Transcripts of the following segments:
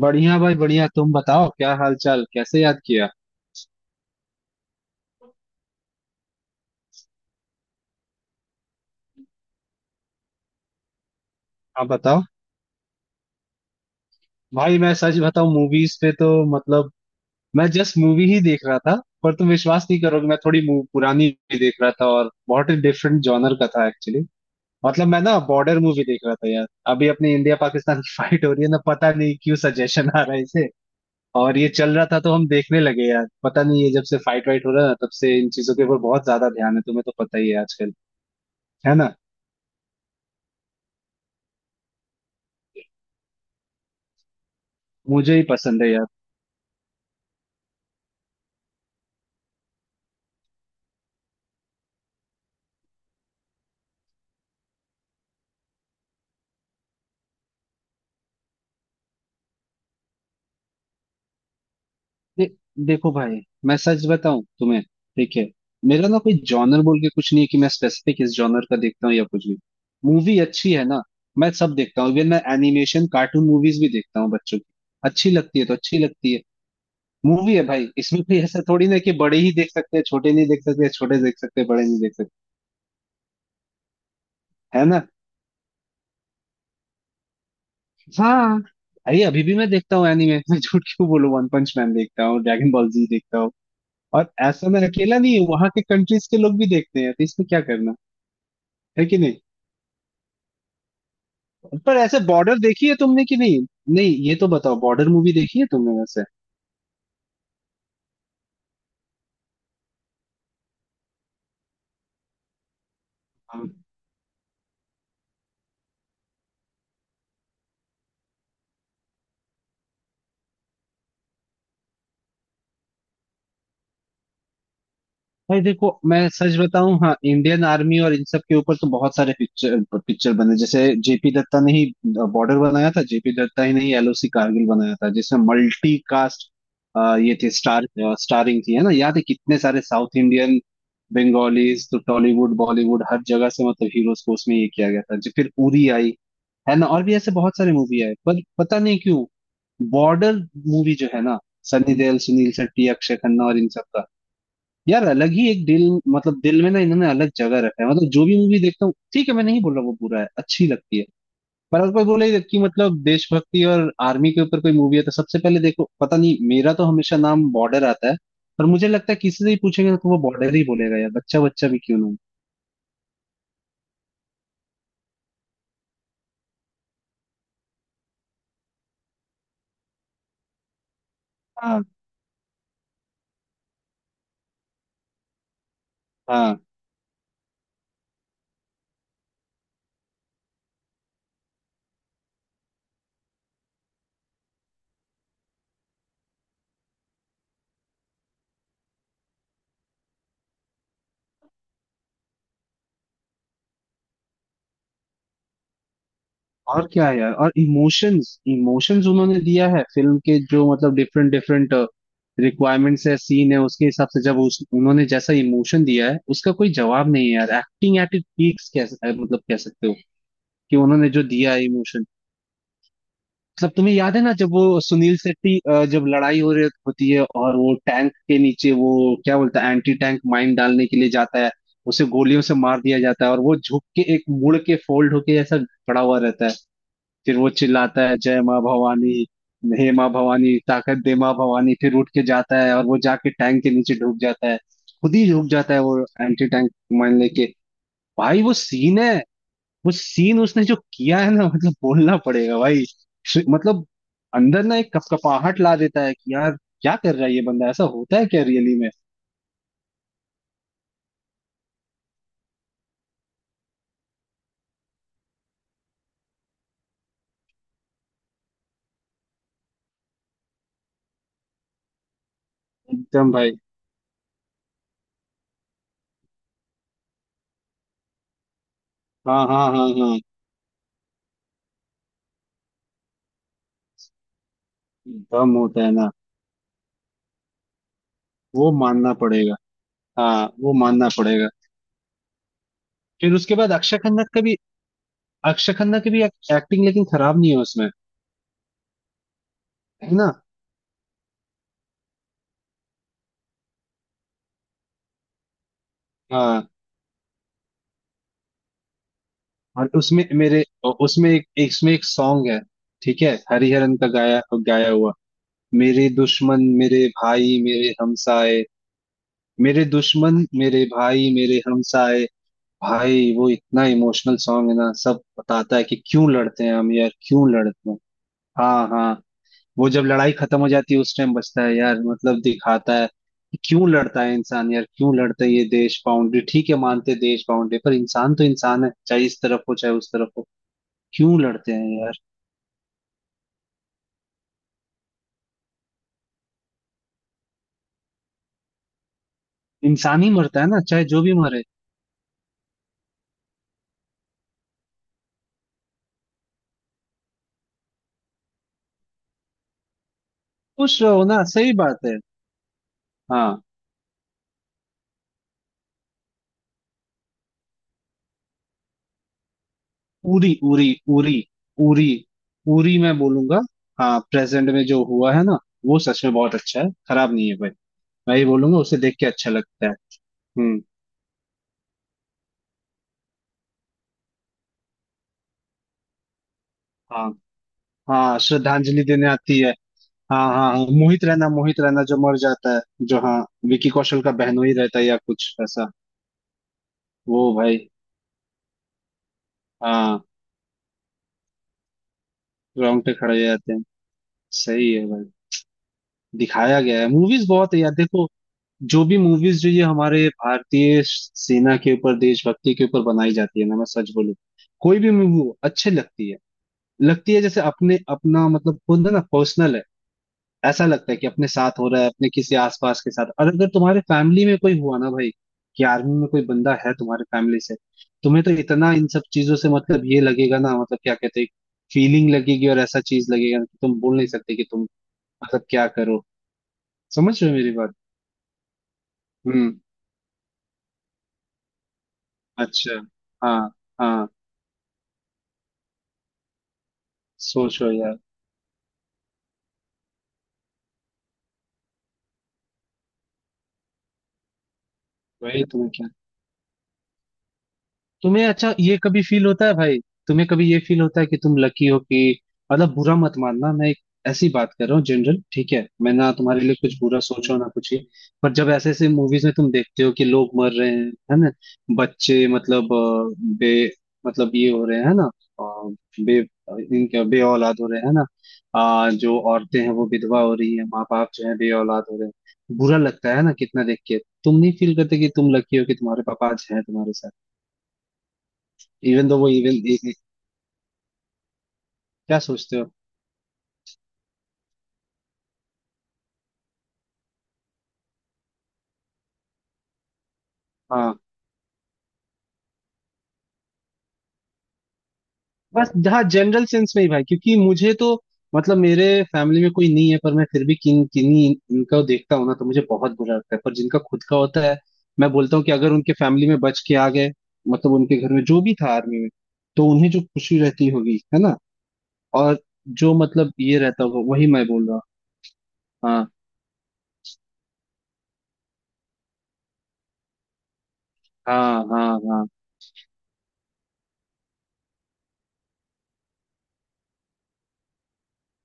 बढ़िया भाई बढ़िया। तुम बताओ, क्या हाल चाल? कैसे याद किया? आप बताओ। भाई मैं सच बताऊं, मूवीज पे तो मतलब मैं जस्ट मूवी ही देख रहा था। पर तुम विश्वास नहीं करोगे, मैं थोड़ी पुरानी भी देख रहा था और बहुत ही डिफरेंट जॉनर का था एक्चुअली। मतलब मैं ना बॉर्डर मूवी देख रहा था यार। अभी अपने इंडिया पाकिस्तान की फाइट हो रही है ना, पता नहीं क्यों सजेशन आ रहा है इसे। और ये चल रहा था तो हम देखने लगे यार। पता नहीं, ये जब से फाइट वाइट हो रहा है ना, तब से इन चीजों के ऊपर बहुत ज्यादा ध्यान है। तुम्हें तो पता ही है आजकल। है ना। मुझे ही पसंद है यार। दे, देखो भाई, मैं सच बताऊं तुम्हें, ठीक है। मेरा ना कोई जॉनर बोल के कुछ नहीं है कि मैं स्पेसिफिक इस जॉनर का देखता हूँ या कुछ भी। मूवी अच्छी है ना, मैं सब देखता हूँ। इवन मैं एनिमेशन कार्टून मूवीज भी देखता हूँ बच्चों की। अच्छी लगती है तो अच्छी लगती है। मूवी है भाई, इसमें कोई ऐसा थोड़ी ना कि बड़े ही देख सकते हैं छोटे नहीं देख सकते, छोटे देख सकते हैं, बड़े नहीं देख सकते। है ना। हाँ। अरे अभी भी मैं देखता हूँ एनिमे, मैं झूठ क्यों बोलूं, वन पंच मैन देखता हूँ, ड्रैगन बॉल जी देखता हूँ। और ऐसा मैं अकेला नहीं हूँ, वहां के कंट्रीज के लोग भी देखते हैं तो इसमें क्या। है कि नहीं। पर ऐसे बॉर्डर देखी है तुमने कि नहीं? नहीं ये तो बताओ, बॉर्डर मूवी देखी है तुमने वैसे? हाँ भाई। देखो मैं सच बताऊं, हाँ, इंडियन आर्मी और इन सब के ऊपर तो बहुत सारे पिक्चर पिक्चर बने। जैसे जेपी दत्ता ने ही बॉर्डर बनाया था, जेपी दत्ता ही ने ही एलओसी कारगिल बनाया था जिसमें मल्टी कास्ट ये थे। स्टार स्टारिंग थी है ना, याद है कितने सारे साउथ इंडियन बंगालीज तो टॉलीवुड बॉलीवुड हर जगह से मतलब हीरोज को उसमें ये किया गया था। जो फिर उरी आई, है ना, और भी ऐसे बहुत सारे मूवी आए। पर पता नहीं क्यों बॉर्डर मूवी जो है ना, सनी देओल सुनील शेट्टी अक्षय खन्ना और इन सब का यार अलग ही एक दिल, मतलब दिल में ना इन्होंने अलग जगह रखा है। मतलब जो भी मूवी देखता हूँ ठीक है, मैं नहीं बोल रहा वो बुरा है, अच्छी लगती है। पर अगर कोई बोले कि मतलब देशभक्ति और आर्मी के ऊपर कोई मूवी है तो सबसे पहले देखो, पता नहीं, मेरा तो हमेशा नाम बॉर्डर आता है। पर मुझे लगता है किसी से ही पूछेंगे तो वो बॉर्डर ही बोलेगा यार, बच्चा बच्चा भी क्यों ना हो। हाँ हाँ। और क्या है यार। और इमोशंस इमोशंस उन्होंने दिया है फिल्म के जो, मतलब डिफरेंट डिफरेंट रिक्वायरमेंट्स है, सीन है, उसके हिसाब से जब उस उन्होंने जैसा इमोशन दिया है उसका कोई जवाब नहीं है यार। एक्टिंग एट इट पीक्स, कैसे मतलब कह सकते हो कि उन्होंने जो दिया है इमोशन। मतलब तुम्हें याद है ना जब वो सुनील शेट्टी, जब लड़ाई हो रही होती है और वो टैंक के नीचे वो क्या बोलता है, एंटी टैंक माइन डालने के लिए जाता है, उसे गोलियों से मार दिया जाता है और वो झुक के एक मुड़ के फोल्ड होके ऐसा खड़ा हुआ रहता है। फिर वो चिल्लाता है, जय माँ भवानी, हे माँ भवानी ताकत दे माँ भवानी, फिर उठ के जाता है और वो जाके टैंक के नीचे डूब जाता है। खुद ही डूब जाता है वो एंटी टैंक माइन लेके। भाई वो सीन है, वो सीन उसने जो किया है ना, मतलब बोलना पड़ेगा भाई। मतलब अंदर ना एक कपकपाहट ला देता है कि यार क्या कर रहा है ये बंदा, ऐसा होता है क्या रियली में। एकदम भाई। हाँ हाँ हाँ हाँ। दम होता है ना, वो मानना पड़ेगा। हाँ वो मानना पड़ेगा। फिर उसके बाद अक्षय खन्ना का भी, अक्षय खन्ना की भी एक्टिंग लेकिन खराब नहीं है उसमें। है ना। हाँ। और उसमें मेरे उसमें एक इसमें एक सॉन्ग है, ठीक है, हरिहरन का गाया गाया हुआ, मेरे दुश्मन मेरे भाई मेरे हमसाए, मेरे दुश्मन मेरे भाई मेरे हमसाए। भाई वो इतना इमोशनल सॉन्ग है ना, सब बताता है कि क्यों लड़ते हैं हम यार, क्यों लड़ते हैं। हाँ हाँ। वो जब लड़ाई खत्म हो जाती है उस टाइम बचता है यार, मतलब दिखाता है कि क्यों लड़ता है इंसान यार, क्यों लड़ता है। ये देश बाउंड्री ठीक है, मानते हैं देश बाउंड्री, पर इंसान तो इंसान है, चाहे इस तरफ हो चाहे उस तरफ हो। क्यों लड़ते हैं यार। इंसान ही मरता है ना चाहे जो भी मरे। खुश रहो ना, सही बात है। हाँ। उरी, उरी, उरी, उरी, उरी मैं बोलूंगा। हाँ प्रेजेंट में जो हुआ है ना, वो सच में बहुत अच्छा है, खराब नहीं है भाई। मैं ये बोलूंगा, उसे देख के अच्छा लगता है। हम्म। हाँ, हाँ श्रद्धांजलि देने आती है। हाँ हाँ हाँ, मोहित रैना, मोहित रैना जो मर जाता है, जो, हाँ, विकी कौशल का बहनोई रहता है या कुछ ऐसा। वो भाई। हाँ। ग्राउंड पे खड़े हो जाते हैं। सही है भाई। दिखाया गया है, मूवीज बहुत है यार, देखो जो भी मूवीज जो ये हमारे भारतीय सेना के ऊपर देशभक्ति के ऊपर बनाई जाती है ना, मैं सच बोलूं, कोई भी मूवी अच्छी लगती है। लगती है जैसे अपने अपना, मतलब खुद है ना, पर्सनल है। ऐसा लगता है कि अपने साथ हो रहा है अपने किसी आसपास के साथ। और अगर तुम्हारे फैमिली में कोई हुआ ना भाई, कि आर्मी में कोई बंदा है तुम्हारे फैमिली से, तुम्हें तो इतना इन सब चीजों से मतलब ये लगेगा ना, मतलब क्या कहते हैं, फीलिंग लगेगी। और ऐसा चीज लगेगा ना कि तुम बोल नहीं सकते कि तुम मतलब क्या करो। समझ रहे हो मेरी बात। हम्म। अच्छा। हाँ हाँ। सोचो यार। वही तुम्हें तुम्हें अच्छा ये कभी फील होता है भाई? तुम्हें कभी ये फील होता है कि तुम लकी हो कि, मतलब बुरा मत मानना, मैं एक ऐसी बात कर रहा हूँ जनरल, ठीक है, मैं ना तुम्हारे लिए कुछ बुरा सोच रहा हूँ ना कुछ ये। पर जब ऐसे ऐसे मूवीज में तुम देखते हो कि लोग मर रहे हैं, है ना, बच्चे, मतलब अ, बे मतलब ये हो रहे हैं, है ना, अ, बे इनके बे औलाद हो रहे हैं, है ना, जो औरतें हैं वो विधवा हो रही हैं, माँ बाप जो है बे औलाद हो रहे हैं, बुरा लगता है ना कितना देख के। तुम नहीं फील करते कि तुम लकी हो कि तुम्हारे पापा आज हैं तुम्हारे साथ। इवन दो वो इविल क्या सोचते हो। हाँ। बस हाँ जनरल सेंस में ही भाई, क्योंकि मुझे तो मतलब मेरे फैमिली में कोई नहीं है, पर मैं फिर भी किन किन्हीं इनका देखता हूँ ना तो मुझे बहुत बुरा लगता है। पर जिनका खुद का होता है, मैं बोलता हूँ कि अगर उनके फैमिली में बच के आ गए, मतलब उनके घर में जो भी था आर्मी में, तो उन्हें जो खुशी रहती होगी है ना, और जो मतलब ये रहता होगा, वही मैं बोल रहा हूँ। हाँ हाँ हाँ हाँ।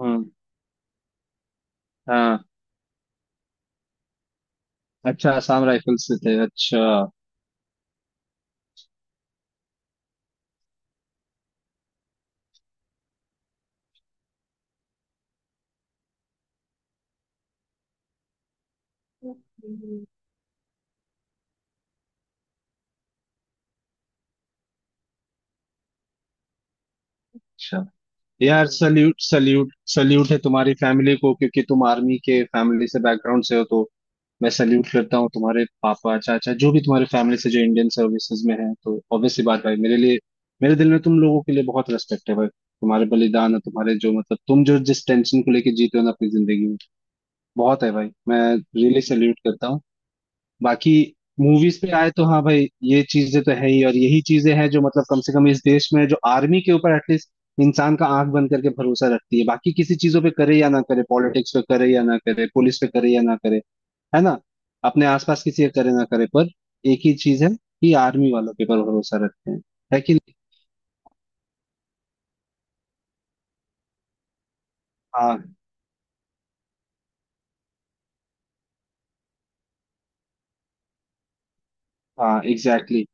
हम्म, हाँ। अच्छा, आसाम राइफल्स में थे, अच्छा। अच्छा यार, सल्यूट सल्यूट सल्यूट है तुम्हारी फैमिली को, क्योंकि तुम आर्मी के फैमिली से बैकग्राउंड से हो तो मैं सल्यूट करता हूँ तुम्हारे पापा चाचा जो भी तुम्हारे फैमिली से जो इंडियन सर्विसेज में है, तो ऑब्वियसली बात भाई, मेरे लिए मेरे दिल में तुम लोगों के लिए बहुत रेस्पेक्ट है भाई, तुम्हारे बलिदान और तुम्हारे जो मतलब तुम जो जिस टेंशन को लेके जीते हो ना अपनी जिंदगी में, बहुत है भाई। मैं रियली सल्यूट करता हूँ। बाकी मूवीज पे आए तो हाँ भाई, ये चीजें तो है ही, और यही चीजें हैं जो मतलब कम से कम इस देश में जो आर्मी के ऊपर एटलीस्ट इंसान का आंख बंद करके भरोसा रखती है, बाकी किसी चीजों पे करे या ना करे, पॉलिटिक्स पे करे या ना करे, पुलिस पे करे या ना करे, है ना, अपने आसपास किसी पे करे ना करे, पर एक ही चीज है कि आर्मी वालों के ऊपर भरोसा रखते हैं। है कि नहीं। हाँ। हाँ, एग्जैक्टली exactly,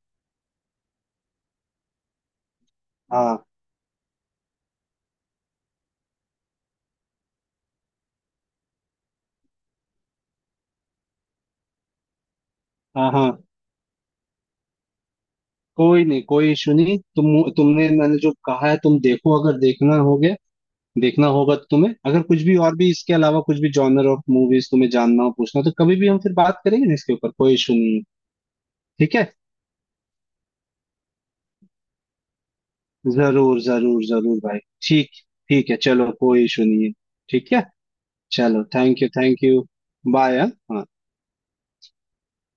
हाँ हाँ हाँ। कोई नहीं, कोई इशू नहीं। तुमने मैंने जो कहा है, तुम देखो, अगर देखना हो गया देखना होगा तुम्हें, अगर कुछ भी और भी इसके अलावा कुछ भी जॉनर ऑफ मूवीज तुम्हें जानना हो पूछना हो तो कभी भी हम फिर बात करेंगे ना इसके ऊपर, कोई इशू नहीं है। ठीक है, जरूर जरूर जरूर भाई। ठीक ठीक है चलो, कोई इशू नहीं है। ठीक है, चलो thank you thank you. Bye. हाँ हाँ।